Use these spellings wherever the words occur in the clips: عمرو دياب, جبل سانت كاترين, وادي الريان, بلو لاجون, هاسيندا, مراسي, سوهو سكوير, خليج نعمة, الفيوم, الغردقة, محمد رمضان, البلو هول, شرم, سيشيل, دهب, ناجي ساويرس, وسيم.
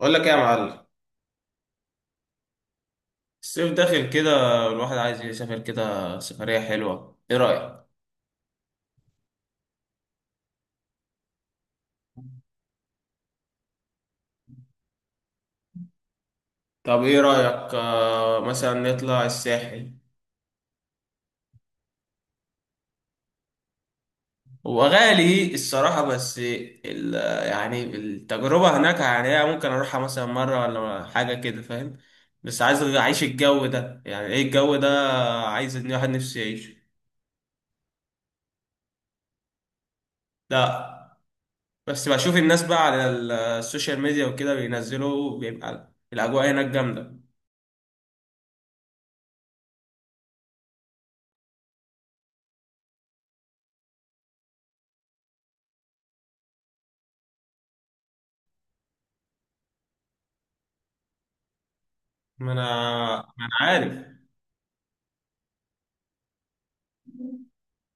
اقول لك ايه يا معلم؟ الصيف داخل كده، الواحد عايز يسافر كده سفرية حلوة، ايه رأيك؟ طب ايه رأيك، مثلا نطلع الساحل؟ هو غالي الصراحة، بس يعني التجربة هناك، يعني هي ممكن اروحها مثلا مرة ولا حاجة كده، فاهم؟ بس عايز اعيش الجو ده، يعني ايه الجو ده؟ عايز ان واحد نفسي يعيشه. لا. بس بشوف الناس بقى على السوشيال ميديا وكده بينزلوا، بيبقى الاجواء هناك جامدة. ما انا ما انا عارف.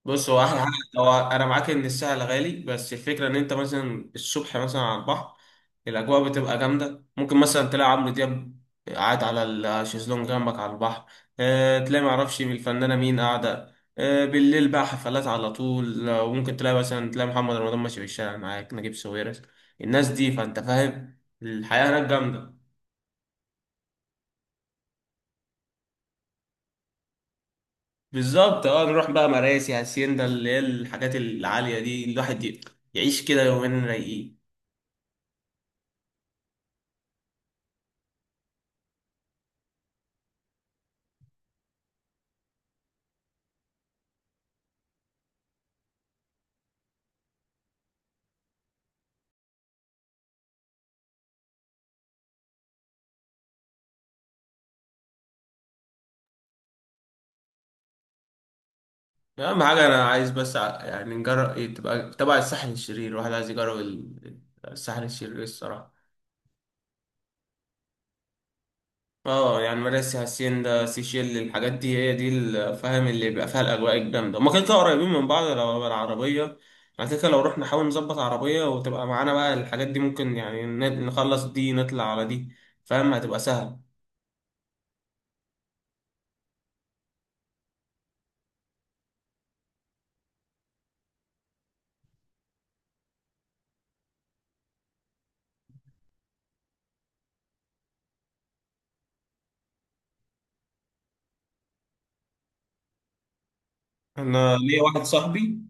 بص هو احلى حاجه. هو انا معاك ان السهل غالي، بس الفكره ان انت مثلا الصبح مثلا على البحر، الاجواء بتبقى جامده، ممكن مثلا تلاقي عمرو دياب قاعد على الشيزلونج جنبك على البحر. اه تلاقي معرفش الفنانه مين قاعده، اه بالليل بقى حفلات على طول، وممكن تلاقي مثلا تلاقي محمد رمضان ماشي في الشارع معاك نجيب ساويرس الناس دي، فانت فاهم الحياه هناك جامده. بالظبط، اه نروح بقى مراسي هاسيندا اللي هي الحاجات العاليه دي، الواحد يعيش كده يومين رايقين. اهم حاجه انا عايز بس يعني نجرب إيه، تبقى تبع الساحل الشرير، الواحد عايز يجرب الساحل الشرير، إيه الصراحه. اه يعني مراسي هاسيندا سيشيل الحاجات دي، هي دي الفهم اللي بيبقى فيها الاجواء الجامده، هما كده كده قريبين من بعض، لو العربيه بعد كده، لو رحنا نحاول نظبط عربيه وتبقى معانا بقى، الحاجات دي ممكن يعني نخلص دي نطلع على دي، فاهم، هتبقى سهل. انا ليا واحد صاحبي.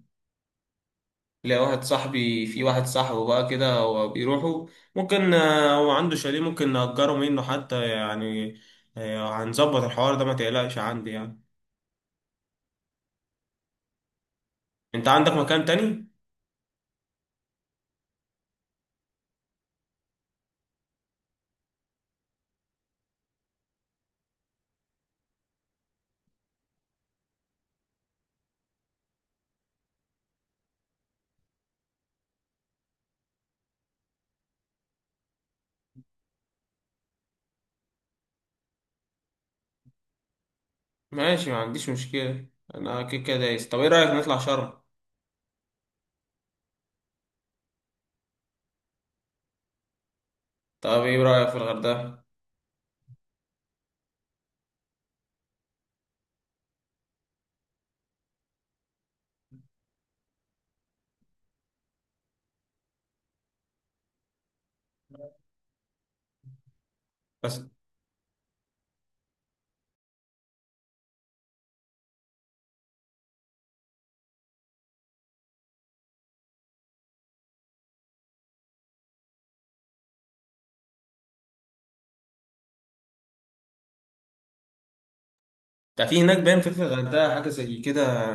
لا، واحد صاحبي في واحد صاحبه بقى كده هو بيروحوا، ممكن، هو عنده شاليه ممكن نأجره منه حتى يعني. هنظبط الحوار ده، ما تقلقش عندي يعني. انت عندك مكان تاني؟ ماشي، ما عنديش مشكلة. انا كده كده دايس، طب ايه رأيك نطلع شرم؟ طب ايه رأيك في الغردقة؟ بس ده، في هناك باين، في الغردقة حاجة زي كده،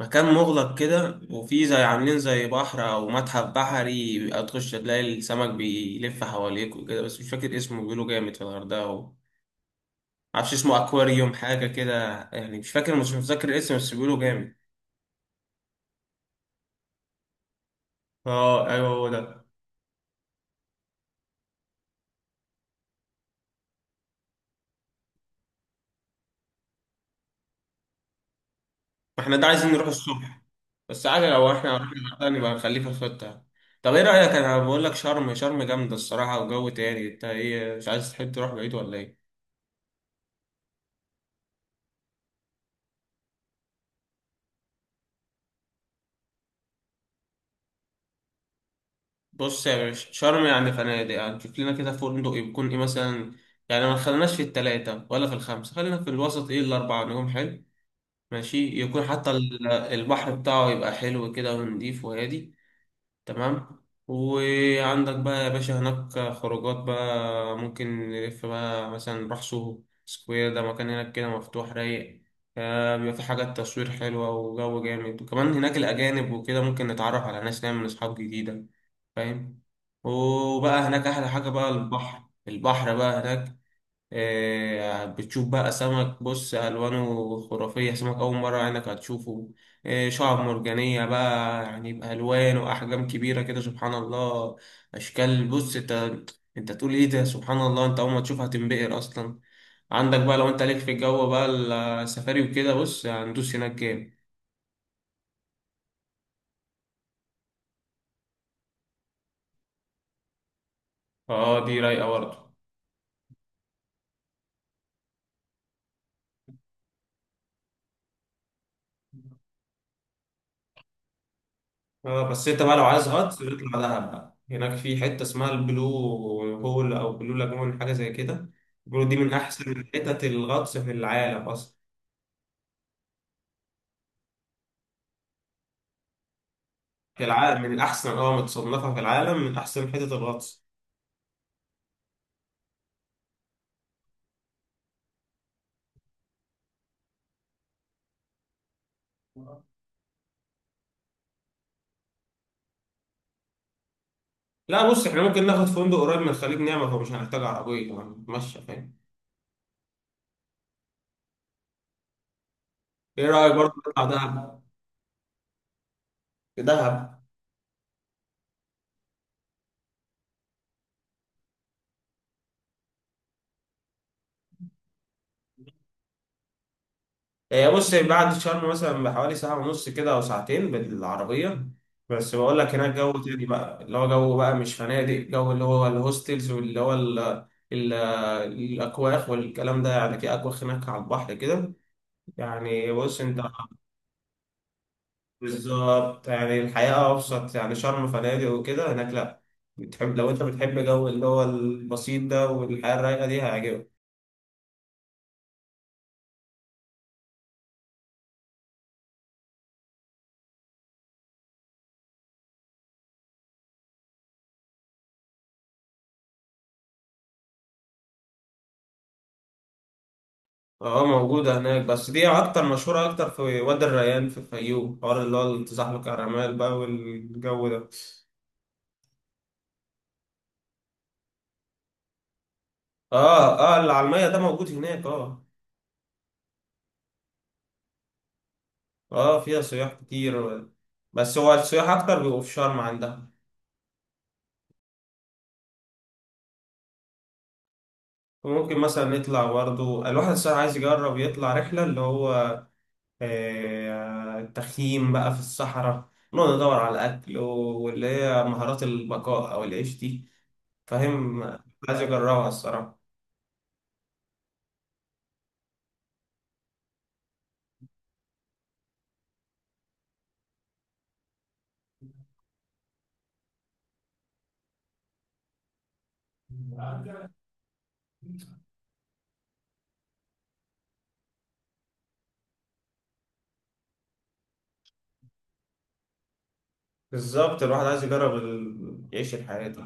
مكان مغلق كده وفي زي عاملين زي بحر أو متحف بحري، بيبقى تخش تلاقي السمك بيلف حواليك وكده، بس مش فاكر اسمه، بيقولوا جامد في الغردقة. معرفش اسمه، اكواريوم حاجه كده. يعني مش فاكر، مش متذكر الاسم، بس بيقولوا جامد. اه ايوه هو ده. احنا ده عايزين نروح الصبح. بس عادي، لو احنا رحنا الغردقة نبقى نخليه في الخطه. طب ايه رايك، انا بقول لك شرم، شرم جامده الصراحه وجو تاني، انت ايه، مش عايز تحب تروح بعيد ولا ايه؟ بص يا باشا، شرم يعني فنادق، يعني شوف لنا كده فندق يكون ايه مثلا، يعني ما خليناش في التلاتة ولا في الخمسة، خلينا في الوسط، ايه الأربعة نجوم حلو، ماشي، يكون حتى البحر بتاعه يبقى حلو كده ونضيف وهادي. تمام. وعندك بقى يا باشا هناك خروجات بقى، ممكن نلف بقى مثلا نروح سوهو سكوير، ده مكان هناك كده مفتوح رايق، بيبقى في حاجات تصوير حلوة وجو جامد، وكمان هناك الأجانب وكده ممكن نتعرف على ناس نعمل أصحاب جديدة، فاهم. وبقى هناك أحلى حاجة بقى البحر، البحر بقى هناك. بتشوف بقى سمك، بص ألوانه خرافية، سمك أول مرة عينك هتشوفه. شعاب مرجانية بقى يعني بألوان وأحجام كبيرة كده، سبحان الله، أشكال، بص أنت تقول إيه ده، سبحان الله، أنت أول ما تشوفها هتنبهر أصلا. عندك بقى لو أنت ليك في الجو بقى السفاري وكده، بص هندوس هناك جامد. أه دي رايقة برضه. اه بس انت بقى لو عايز غطس بتطلع دهب بقى، هناك في حته اسمها البلو هول او بلو لاجون حاجه زي كده، بيقولوا دي من احسن حتت الغطس في العالم اصلا. في العالم من احسن، اه متصنفه في العالم من احسن حتت الغطس. لا بص احنا ممكن ناخد فندق قريب من خليج نعمة، فمش هنحتاج عربيه يعني، ماشي فاهم. ايه رايك برضه نطلع دهب؟ دهب. هي بص بعد شرم مثلا بحوالي ساعة ونص كده أو ساعتين بالعربية، بس بقول لك هناك جو تاني بقى، اللي هو جو بقى مش فنادق، جو اللي هو الهوستلز، واللي هو ال الأكواخ والكلام ده، يعني في أكواخ هناك على البحر كده، يعني بص أنت. بالظبط، يعني الحياة أبسط، يعني شرم فنادق وكده، هناك لأ، بتحب لو أنت بتحب جو اللي هو البسيط ده والحياة الرايقة دي هيعجبك. اه موجودة هناك، بس دي أكتر مشهورة أكتر في وادي الريان في الفيوم حوار، اللي هو التزحلق على الرمال بقى والجو ده. اه، اه اللي على المية ده موجود هناك، اه. اه فيها سياح كتير، بس هو السياح أكتر بيبقوا في شرم عندها. وممكن مثلا نطلع برضه، الواحد الصراحة عايز يجرب يطلع رحلة اللي هو التخييم بقى في الصحراء، نقعد ندور على الأكل واللي هي مهارات البقاء أو العيش دي، فاهم، عايز أجربها. الصراحة بالظبط، الواحد عايز يجرب يعيش الحياة دي،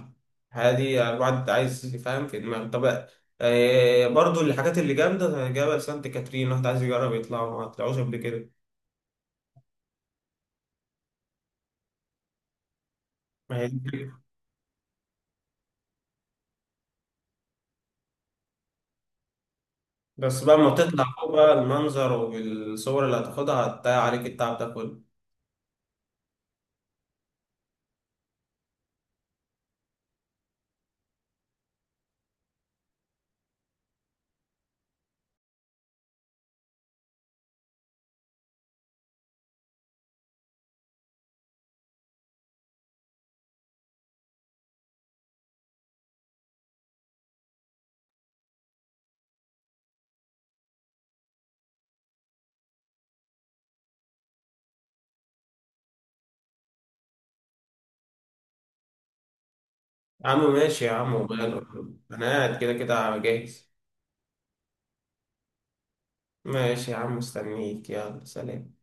الحياة دي الواحد عايز يفهم في دماغه. طب، برضو الحاجات اللي جامدة زي جبل سانت كاترين، الواحد عايز يجرب يطلعه، ما طلعوش قبل كده. ما هي دي الفكرة. بس بقى ما تطلع فوق بقى، المنظر والصور اللي هتاخدها هتضيع عليك التعب ده كله. يا عم ماشي يا عم وماله. أنا قاعد كده كده جاهز. ماشي يا عم، مستنيك، يلا سلام.